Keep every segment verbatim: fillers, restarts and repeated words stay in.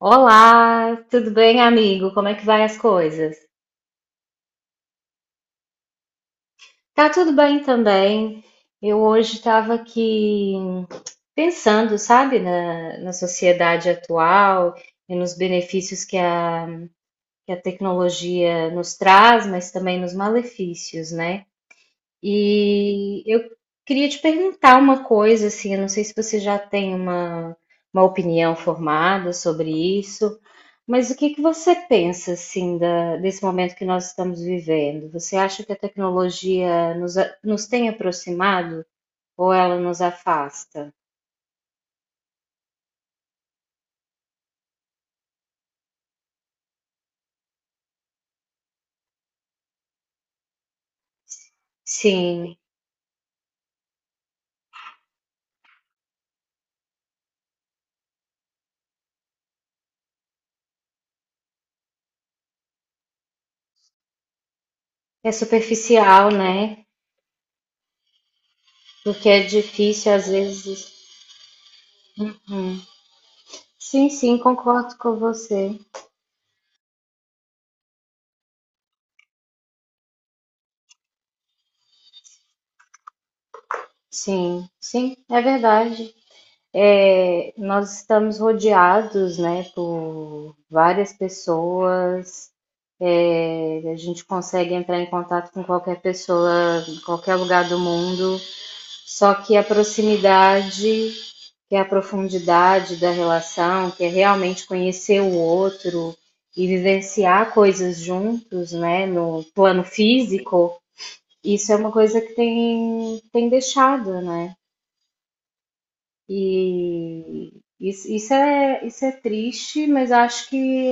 Olá, tudo bem, amigo? Como é que vai as coisas? Tá tudo bem também. Eu hoje estava aqui pensando, sabe, na, na sociedade atual e nos benefícios que a, que a tecnologia nos traz, mas também nos malefícios, né? E eu queria te perguntar uma coisa, assim, eu não sei se você já tem uma, uma opinião formada sobre isso, mas o que que você pensa, assim, da- desse momento que nós estamos vivendo? Você acha que a tecnologia nos, a- nos tem aproximado ou ela nos afasta? Sim, é superficial, né? Porque é difícil às vezes. Sim, sim, concordo com você. Sim, sim, é verdade. É, nós estamos rodeados, né, por várias pessoas. É, a gente consegue entrar em contato com qualquer pessoa, em qualquer lugar do mundo. Só que a proximidade, que é a profundidade da relação, que é realmente conhecer o outro e vivenciar coisas juntos, né, no plano físico, isso é uma coisa que tem, tem deixado, né? E isso, isso é, isso é triste, mas acho que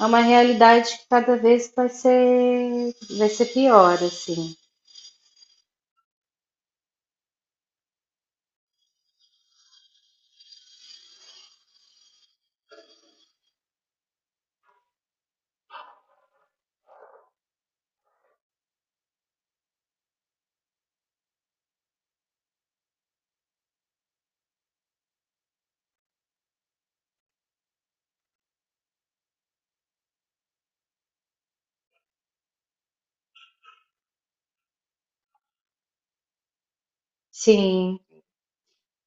é uma realidade que cada vez vai ser, vai ser pior, assim. Sim.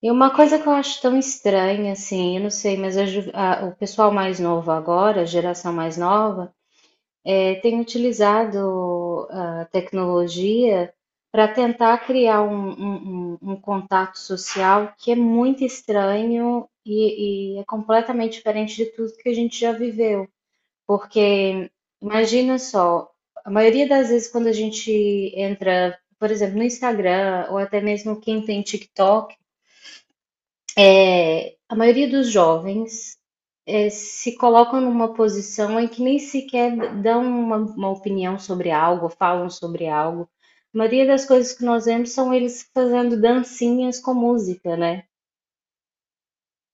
E uma coisa que eu acho tão estranha, assim, eu não sei, mas a ju- a- o pessoal mais novo agora, a geração mais nova, eh, tem utilizado a tecnologia para tentar criar um, um- um- um contato social que é muito estranho e, e é completamente diferente de tudo que a gente já viveu. Porque imagina só, a maioria das vezes quando a gente entra, por exemplo, no Instagram ou até mesmo quem tem TikTok, é, a maioria dos jovens eh, se colocam numa posição em que nem sequer dão uma, uma opinião sobre algo, falam sobre algo. A maioria das coisas que nós vemos são eles fazendo dancinhas com música, né?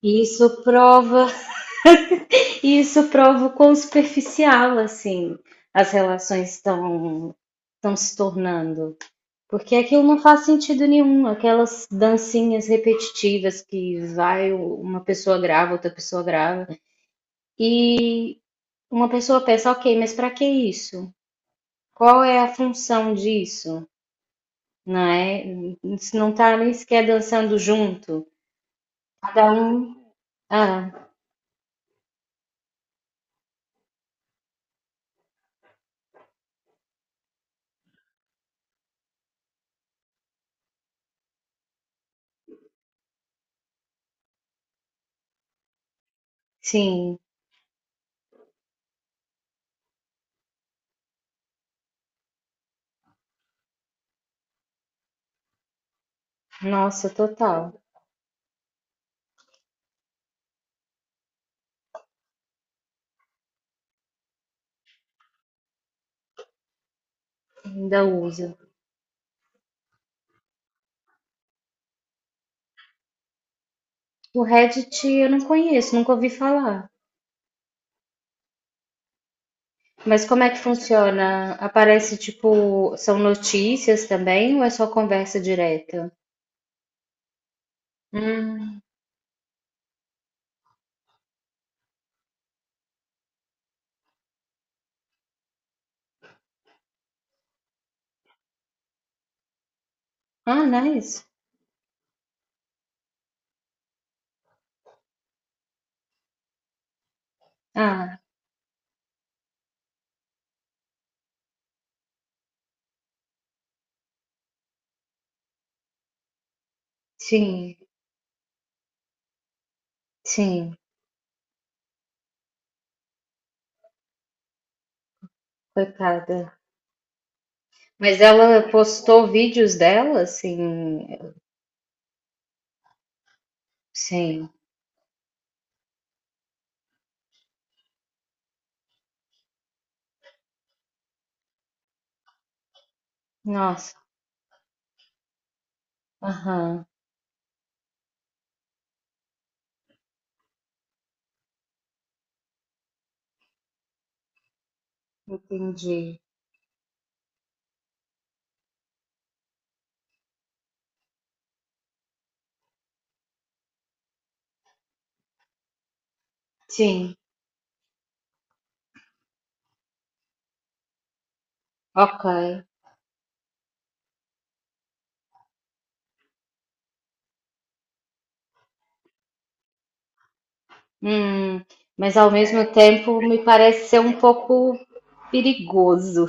E isso prova, e isso prova o quão superficial assim as relações estão estão se tornando. Porque aquilo não faz sentido nenhum, aquelas dancinhas repetitivas que vai uma pessoa grava, outra pessoa grava. E uma pessoa pensa, ok, mas para que isso? Qual é a função disso? Não é? Não tá nem sequer dançando junto. Cada um. Ah, sim. Nossa, total. Ainda usa. O Reddit eu não conheço, nunca ouvi falar. Mas como é que funciona? Aparece tipo, são notícias também ou é só conversa direta? Hum. Ah, nice. Ah, sim, sim, coitada. Mas ela postou vídeos dela, assim, sim. Nossa, aham, entendi. Sim, ok. Hum, mas ao mesmo tempo me parece ser um pouco perigoso.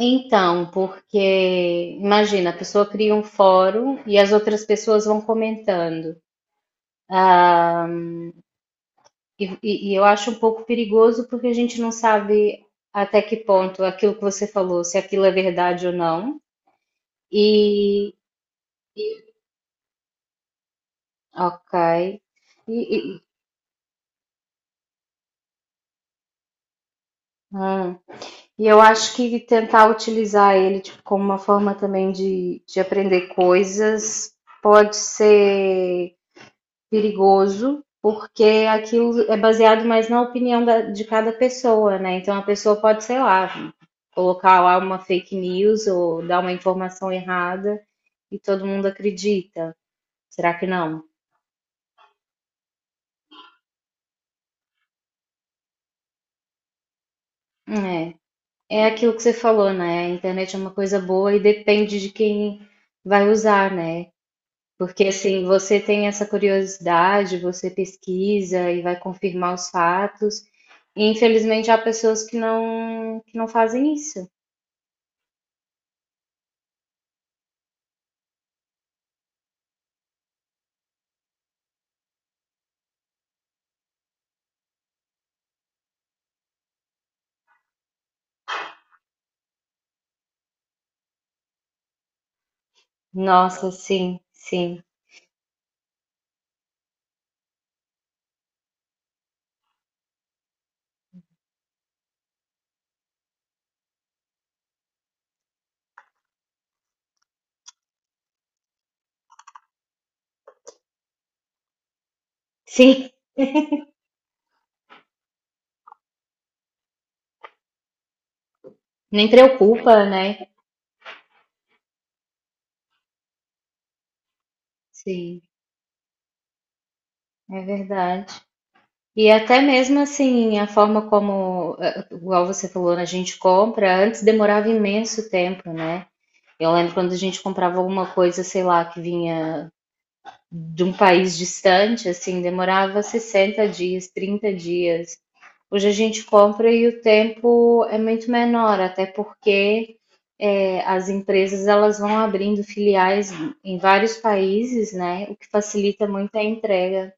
Então, porque imagina, a pessoa cria um fórum e as outras pessoas vão comentando. Ah, e, e- e eu acho um pouco perigoso porque a gente não sabe até que ponto aquilo que você falou, se aquilo é verdade ou não. Ok. E, e- hum. E eu acho que tentar utilizar ele tipo, como uma forma também de, de aprender coisas pode ser perigoso, porque aquilo é baseado mais na opinião da- de cada pessoa, né? Então a pessoa pode, sei lá, colocar lá uma fake news ou dar uma informação errada e todo mundo acredita. Será que não? É. É aquilo que você falou, né? A internet é uma coisa boa e depende de quem vai usar, né? Porque assim, você tem essa curiosidade, você pesquisa e vai confirmar os fatos. E infelizmente há pessoas que não que não fazem isso. Nossa, sim, sim. Sim, nem preocupa, né? Sim, é verdade. E até mesmo assim, a forma como, eh, igual você falou, né, a gente compra, antes demorava imenso tempo, né? Eu lembro quando a gente comprava alguma coisa, sei lá, que vinha de um país distante, assim, demorava sessenta dias, trinta dias. Hoje a gente compra e o tempo é muito menor, até porque é, as empresas elas vão abrindo filiais em vários países, né? O que facilita muito a entrega.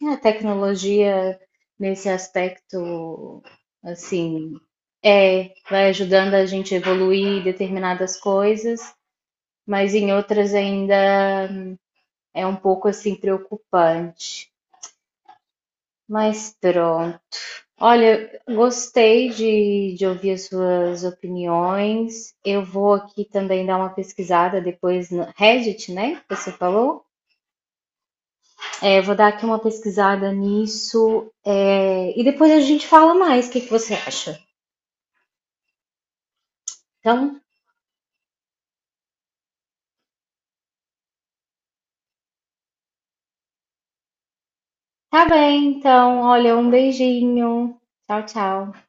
E a tecnologia nesse aspecto, assim, é, vai ajudando a gente a evoluir determinadas coisas mas em outras ainda é um pouco assim preocupante. Mas pronto. Olha, gostei de, de ouvir as suas opiniões. Eu vou aqui também dar uma pesquisada depois no Reddit, né? Que você falou? É, vou dar aqui uma pesquisada nisso é, e depois a gente fala mais. O que que você acha? Então, tá bem. Então, olha, um beijinho. Tchau, tchau.